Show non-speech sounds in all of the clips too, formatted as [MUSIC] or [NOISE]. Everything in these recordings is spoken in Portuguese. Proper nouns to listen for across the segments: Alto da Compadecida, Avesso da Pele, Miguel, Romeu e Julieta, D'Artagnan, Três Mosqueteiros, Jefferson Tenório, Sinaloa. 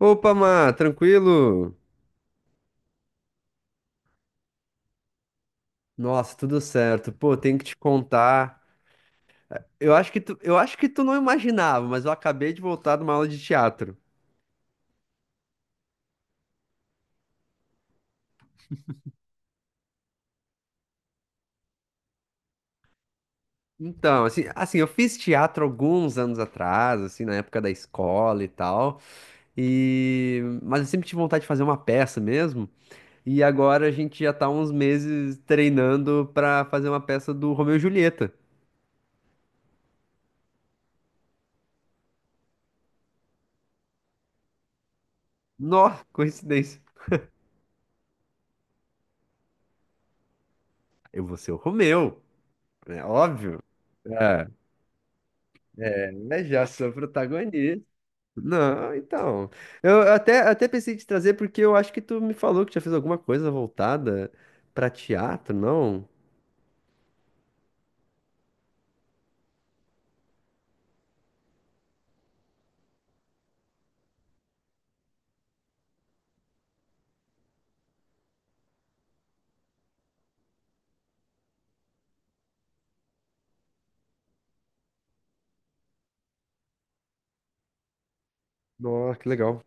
Opa, Má, tranquilo? Nossa, tudo certo. Pô, tenho que te contar. Eu acho que tu não imaginava, mas eu acabei de voltar de uma aula de teatro. Então, assim, eu fiz teatro alguns anos atrás, assim, na época da escola e tal. E mas eu sempre tive vontade de fazer uma peça mesmo. E agora a gente já tá há uns meses treinando pra fazer uma peça do Romeu e Julieta. Nossa, coincidência. Eu vou ser o Romeu, é óbvio. É, é, já sou protagonista. Não, então. Até pensei em te trazer porque eu acho que tu me falou que já fez alguma coisa voltada pra teatro, não? Nossa, que legal.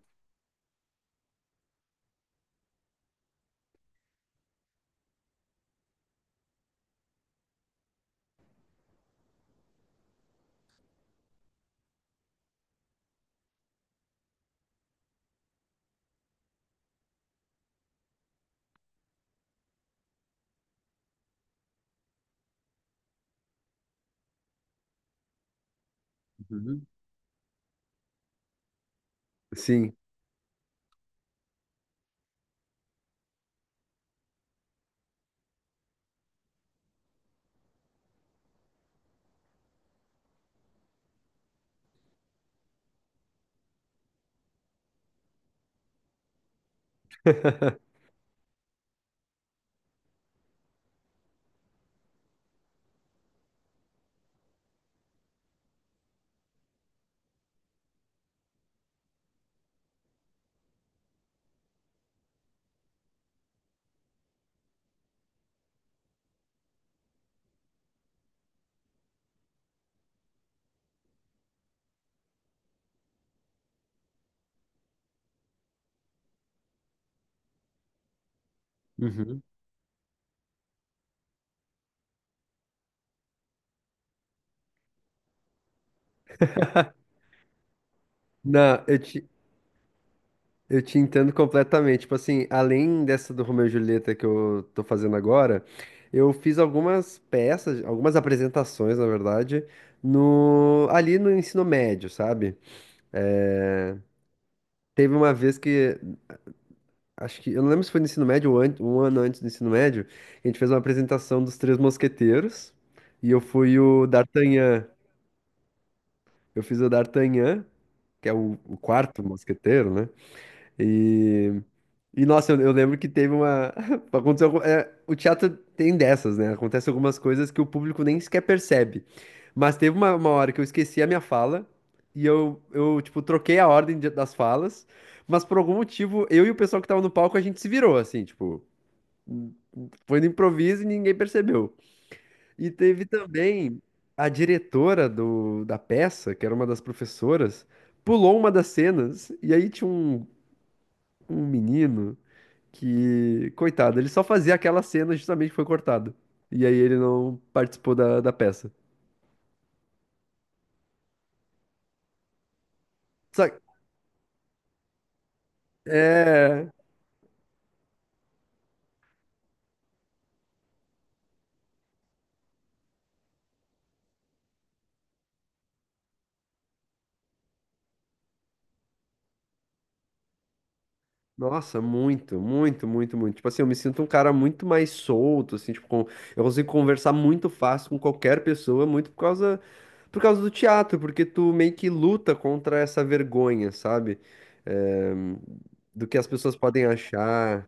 Uhum. Sim. [LAUGHS] Uhum. Não, eu te entendo completamente. Tipo assim, além dessa do Romeu e Julieta que eu tô fazendo agora, eu fiz algumas peças, algumas apresentações, na verdade, no, ali no ensino médio, sabe? É, teve uma vez que acho que, eu não lembro se foi no ensino médio ou um ano antes do ensino médio, a gente fez uma apresentação dos Três Mosqueteiros e eu fui o D'Artagnan. Eu fiz o D'Artagnan, que é o quarto mosqueteiro, né? E, e nossa, eu lembro que teve uma. [LAUGHS] Aconteceu, é, o teatro tem dessas, né? Acontece algumas coisas que o público nem sequer percebe. Mas teve uma hora que eu esqueci a minha fala e eu tipo, troquei a ordem das falas, mas por algum motivo, eu e o pessoal que tava no palco, a gente se virou, assim, tipo. Foi no improviso e ninguém percebeu. E teve também a diretora da peça, que era uma das professoras, pulou uma das cenas e aí tinha um menino que, coitado, ele só fazia aquela cena justamente que foi cortado. E aí ele não participou da peça. Só, é, nossa, muito, muito, muito, muito. Tipo assim, eu me sinto um cara muito mais solto, assim, tipo, eu consigo conversar muito fácil com qualquer pessoa, por causa do teatro, porque tu meio que luta contra essa vergonha, sabe? Eh, do que as pessoas podem achar.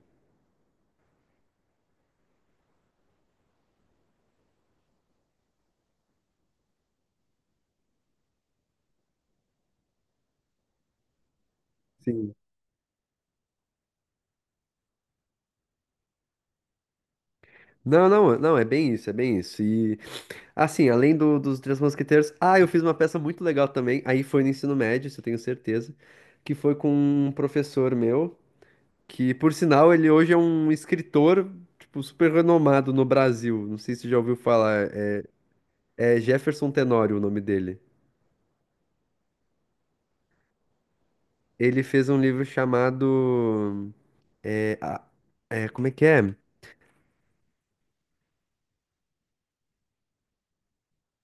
Sim. Não, é bem isso, é bem isso. E, assim, além dos Três Mosqueteiros, eu fiz uma peça muito legal também, aí foi no ensino médio, isso eu tenho certeza, que foi com um professor meu. Que, por sinal, ele hoje é um escritor, tipo, super renomado no Brasil. Não sei se você já ouviu falar. É, é Jefferson Tenório o nome dele. Ele fez um livro chamado. É, é, como é que é?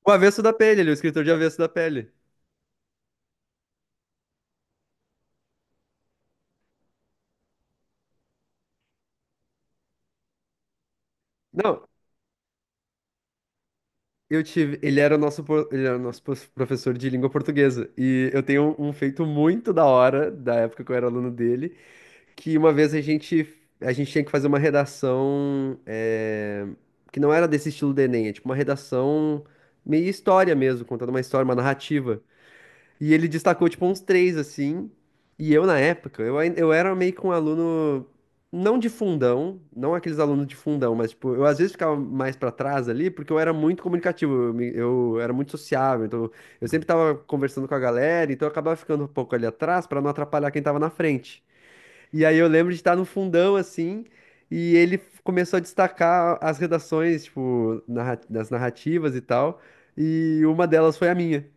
O Avesso da Pele, ele é o escritor de Avesso da Pele. Não, eu tive. Ele era o nosso, professor de língua portuguesa. E eu tenho um feito muito da hora, da época que eu era aluno dele que uma vez a gente tinha que fazer uma redação que não era desse estilo do Enem, é tipo uma redação meio história mesmo, contando uma história, uma narrativa. E ele destacou tipo uns três assim. E eu na época, eu era meio que um aluno não de fundão, não aqueles alunos de fundão, mas tipo, eu às vezes ficava mais pra trás ali porque eu era muito comunicativo, eu era muito sociável, então eu sempre tava conversando com a galera, então eu acabava ficando um pouco ali atrás pra não atrapalhar quem tava na frente. E aí eu lembro de estar no fundão, assim, e ele começou a destacar as redações, tipo, das narrativas e tal, e uma delas foi a minha.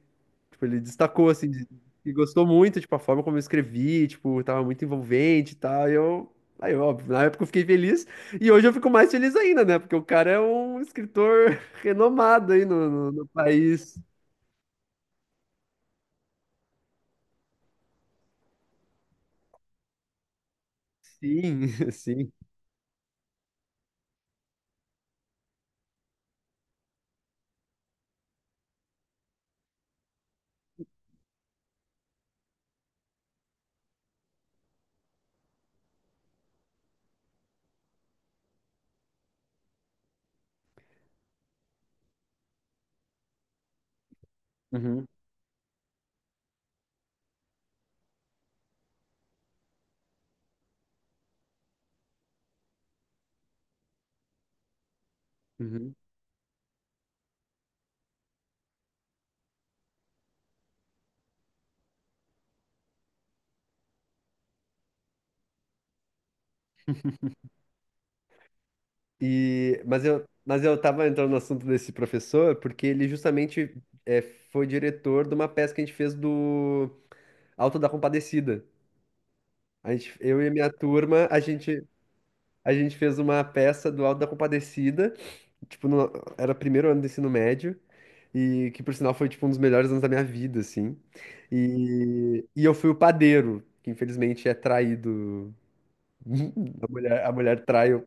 Tipo, ele destacou, assim, e gostou muito, tipo, a forma como eu escrevi, tipo, tava muito envolvente e tal, e eu... Aí, óbvio, na época eu fiquei feliz, e hoje eu fico mais feliz ainda, né? Porque o cara é um escritor [LAUGHS] renomado aí no país. Sim, [LAUGHS] sim. Uhum, uhum. E, mas eu tava entrando no assunto desse professor porque ele justamente é, foi diretor de uma peça que a gente fez do Alto da Compadecida. A gente, eu e a minha turma, a gente fez uma peça do Alto da Compadecida, tipo, era o primeiro ano do ensino médio, e que por sinal foi tipo um dos melhores anos da minha vida, assim. E eu fui o padeiro, que infelizmente é traído. [LAUGHS] A mulher trai o-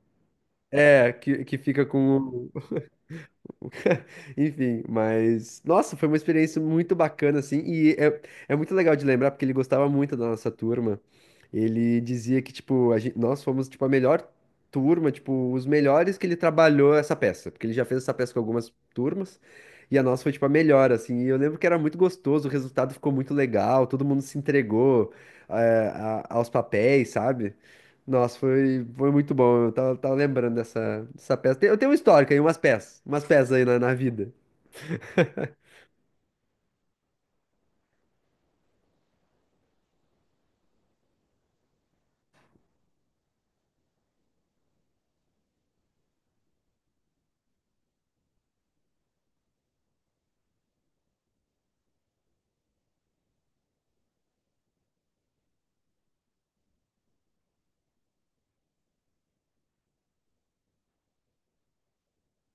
é, que fica com o. [LAUGHS] Enfim, mas nossa, foi uma experiência muito bacana assim, e é, é muito legal de lembrar porque ele gostava muito da nossa turma. Ele dizia que tipo, nós fomos tipo a melhor turma, tipo, os melhores que ele trabalhou essa peça, porque ele já fez essa peça com algumas turmas. E a nossa foi tipo a melhor, assim. E eu lembro que era muito gostoso, o resultado ficou muito legal, todo mundo se entregou aos papéis, sabe? Nossa, foi muito bom. Tava lembrando dessa peça. Eu tenho uma histórico aí, umas peças. Umas peças aí na vida.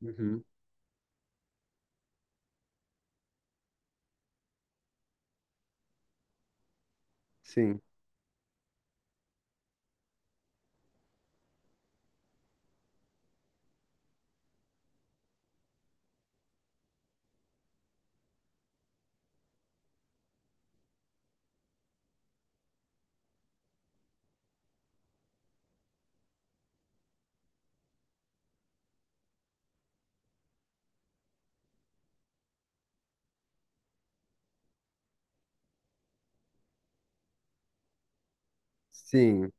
Uhum. Sim, sim.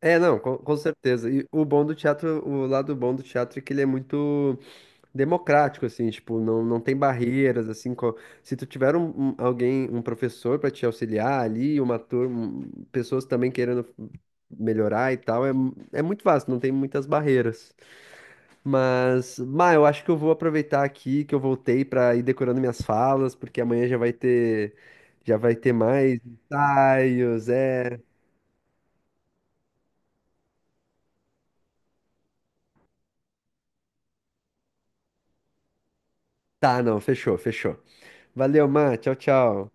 É, não, com certeza. E o bom do teatro, o lado bom do teatro é que ele é muito democrático, assim, tipo, não tem barreiras, assim, se tu tiver alguém, um professor para te auxiliar ali, uma turma, pessoas também querendo melhorar e tal, é, é muito fácil, não tem muitas barreiras. Mas, Má, eu acho que eu vou aproveitar aqui que eu voltei pra ir decorando minhas falas, porque amanhã já vai ter mais ensaios, é. Tá, não, fechou. Valeu, Má, tchau, tchau.